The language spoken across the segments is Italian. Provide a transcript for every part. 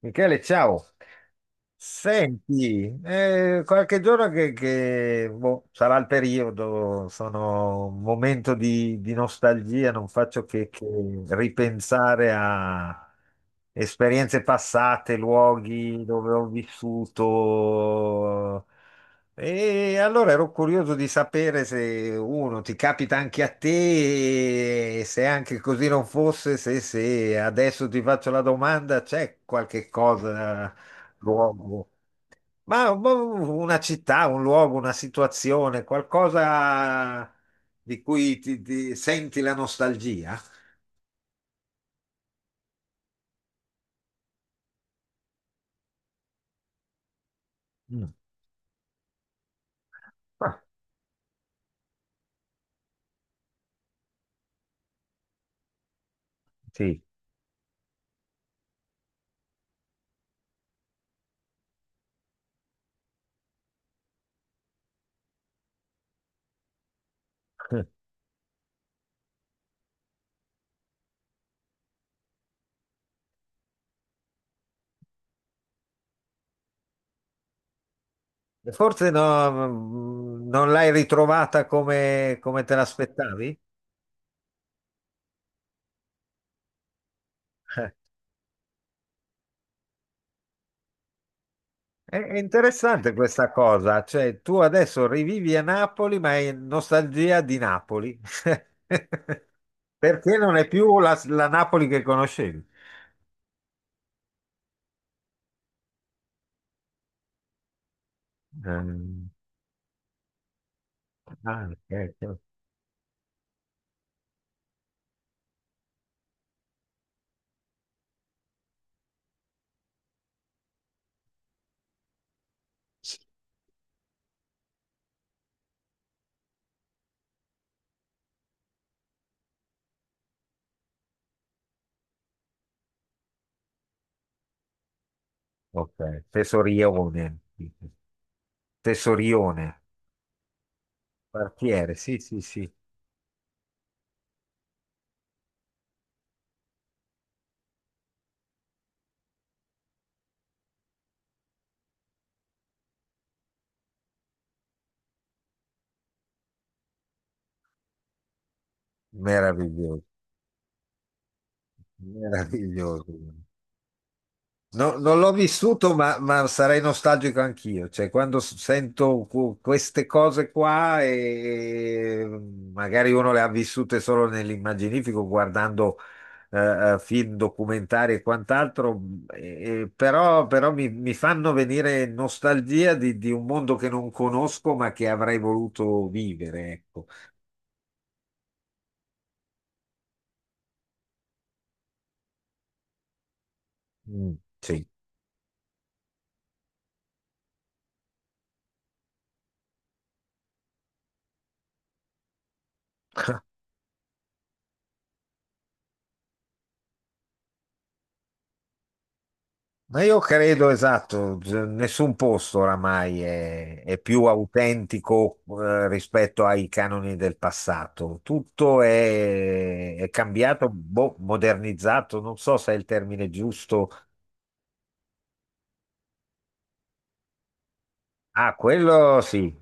Michele, ciao. Senti, qualche giorno sarà il periodo, sono un momento di nostalgia, non faccio che ripensare a esperienze passate, luoghi dove ho vissuto. E allora ero curioso di sapere se uno ti capita anche a te, e se anche così non fosse, se adesso ti faccio la domanda, c'è qualche cosa luogo. Ma un- una città, un luogo, una situazione, qualcosa di cui ti senti la nostalgia? Mm. Ah, sì. Forse no, non l'hai ritrovata come, come te l'aspettavi? Eh, è interessante questa cosa, cioè tu adesso rivivi a Napoli, ma hai nostalgia di Napoli, perché non è più la Napoli che conoscevi. Ehm, ah, ok. Ok, Tesorione, Tesorione, quartiere, sì, sì, sì, meraviglioso, meraviglioso. Non l'ho vissuto, ma sarei nostalgico anch'io, cioè quando sento queste cose qua e magari uno le ha vissute solo nell'immaginifico guardando film, documentari e quant'altro, e però, però mi fanno venire nostalgia di un mondo che non conosco ma che avrei voluto vivere, ecco. Mm, sì. Ma io credo, esatto, nessun posto oramai è più autentico rispetto ai canoni del passato. Tutto è cambiato, boh, modernizzato, non so se è il termine giusto. Ah, quello sì,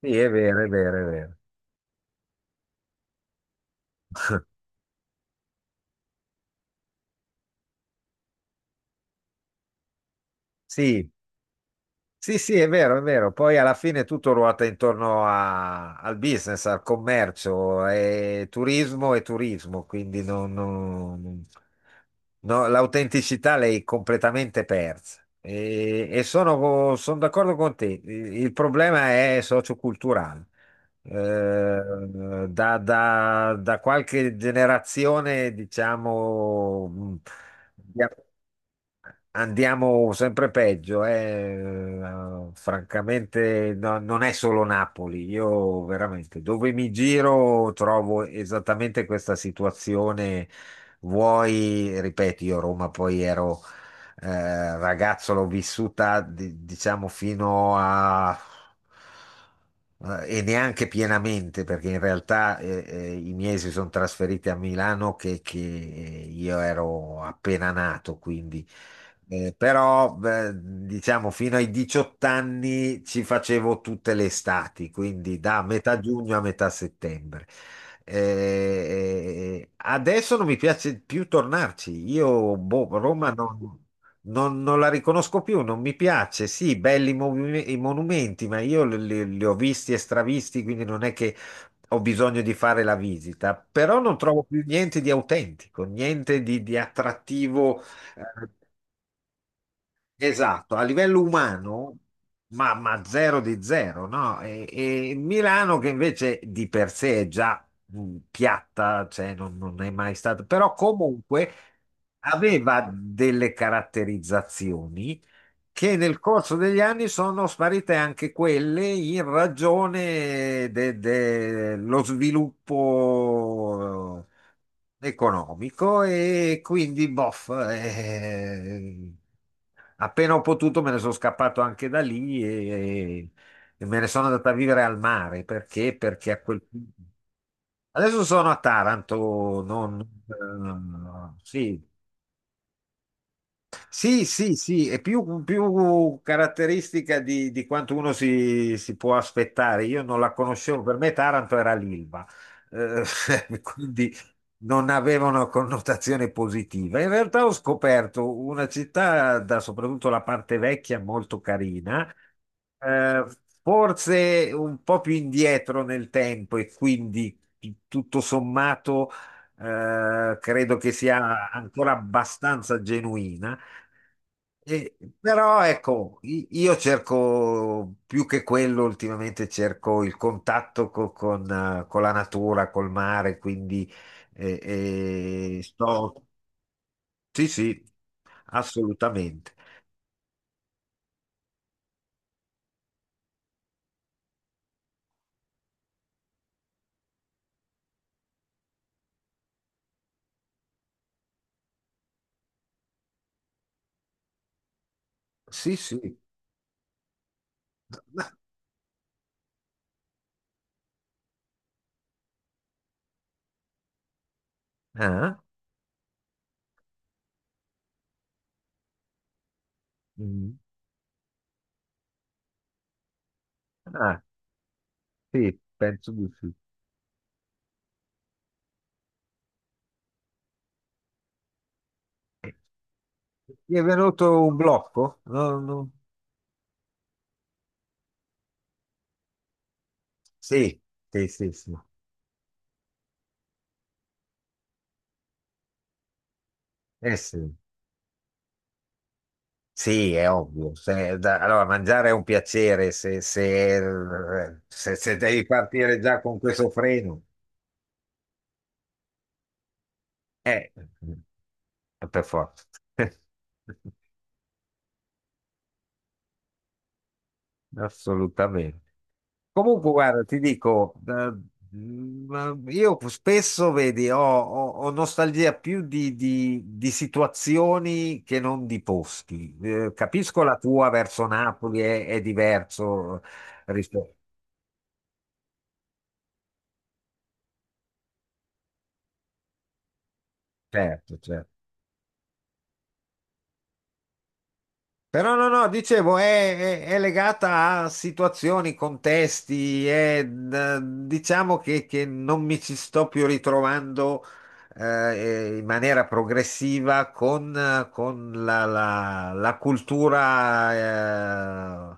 sì, è vero, è vero, è vero. Sì, sì, sì, è vero, è vero. Poi alla fine tutto ruota intorno al business, al commercio, e turismo, quindi no, l'autenticità l'hai completamente persa. E sono, sono d'accordo con te, il problema è socioculturale. Eh, da qualche generazione, diciamo, andiamo sempre peggio, eh. Francamente non è solo Napoli, io veramente dove mi giro trovo esattamente questa situazione. Vuoi, ripeto, io a Roma poi ero ragazzo, l'ho vissuta, diciamo, fino a... e neanche pienamente, perché in realtà i miei si sono trasferiti a Milano che io ero appena nato, quindi... però, beh, diciamo, fino ai 18 anni ci facevo tutte le estati, quindi da metà giugno a metà settembre. Adesso non mi piace più tornarci. Io, boh, Roma non la riconosco più, non mi piace. Sì, belli i monumenti, ma io li ho visti e stravisti, quindi non è che ho bisogno di fare la visita, però non trovo più niente di autentico, niente di attrattivo, eh, esatto, a livello umano, ma zero di zero, no? E Milano che invece di per sé è già piatta, cioè non è mai stata, però comunque aveva delle caratterizzazioni che nel corso degli anni sono sparite anche quelle in ragione dello sviluppo economico e quindi boff. Appena ho potuto me ne sono scappato anche da lì e me ne sono andato a vivere al mare. Perché? Perché a quel punto... Adesso sono a Taranto, non, sì, sì, sì, sì, è più, più caratteristica di quanto uno si può aspettare. Io non la conoscevo, per me Taranto era l'Ilva, eh, quindi non aveva una connotazione positiva. In realtà ho scoperto una città, da, soprattutto la parte vecchia, molto carina, eh, forse un po' più indietro nel tempo e quindi tutto sommato credo che sia ancora abbastanza genuina. Però ecco, io cerco più che quello ultimamente, cerco il contatto con con la natura, col mare, quindi eh, sto... Sì, sì, assolutamente. Sì, sì. Ma- Ah, mm. Ah, sì, penso di sì. Ti è venuto un blocco? No, no. Sì, sì, sì, sì. Sì. Sì, è ovvio. Allora, mangiare è un piacere se devi partire già con questo freno, eh, per forza. Assolutamente. Comunque, guarda, ti dico, io spesso, vedi, ho nostalgia più di situazioni che non di posti. Capisco la tua verso Napoli è diverso rispetto... Certo, certo. Però no, no, dicevo, è, è legata a situazioni, contesti, è, diciamo che non mi ci sto più ritrovando in maniera progressiva con con la cultura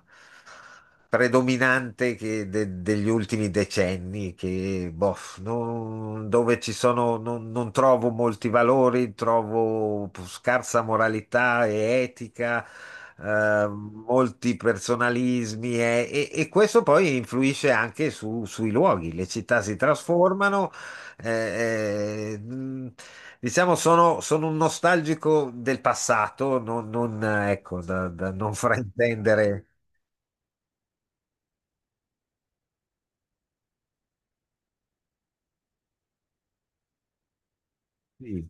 predominante che degli ultimi decenni, che, boh, dove ci sono, non trovo molti valori, trovo scarsa moralità e etica. Molti personalismi e, e questo poi influisce anche sui luoghi, le città si trasformano, eh, eh, mh, diciamo, sono un nostalgico del passato, non, non, ecco, da non fraintendere. Sì,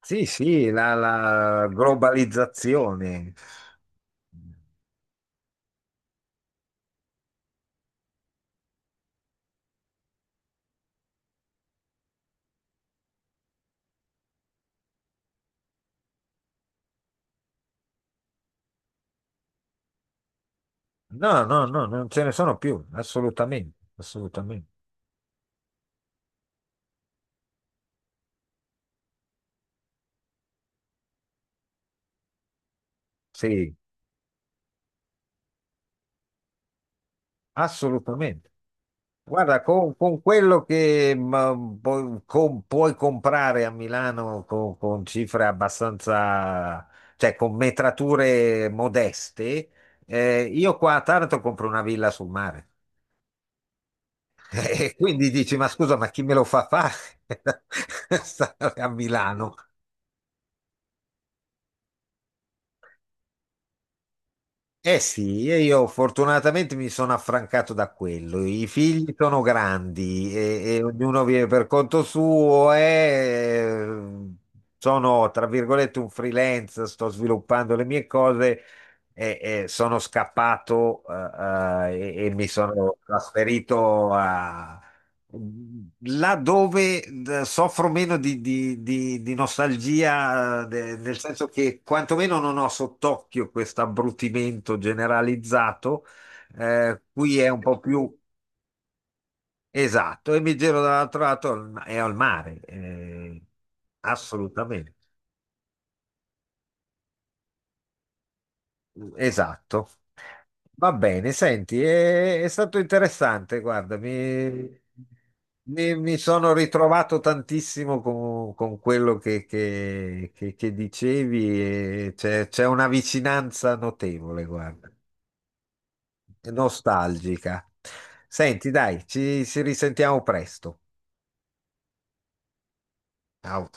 sì, sì, la globalizzazione. No, no, no, non ce ne sono più, assolutamente, assolutamente. Sì, assolutamente. Guarda, con quello che puoi comprare a Milano con cifre abbastanza, cioè con metrature modeste, io qua a Taranto compro una villa sul mare. E quindi dici, ma scusa, ma chi me lo fa fare? Stare a Milano? Eh sì, e io fortunatamente mi sono affrancato da quello. I figli sono grandi e ognuno vive per conto suo e sono, tra virgolette, un freelance, sto sviluppando le mie cose e sono scappato e mi sono trasferito a, là dove soffro meno di nostalgia, nel senso che quantomeno non ho sott'occhio questo abbrutimento generalizzato, qui è un po' più esatto, e mi giro dall'altro lato e al mare, assolutamente. Esatto. Va bene, senti, è stato interessante, guarda, mi sono ritrovato tantissimo con quello che dicevi e c'è una vicinanza notevole, guarda, è nostalgica. Senti, dai, ci risentiamo presto. Ciao.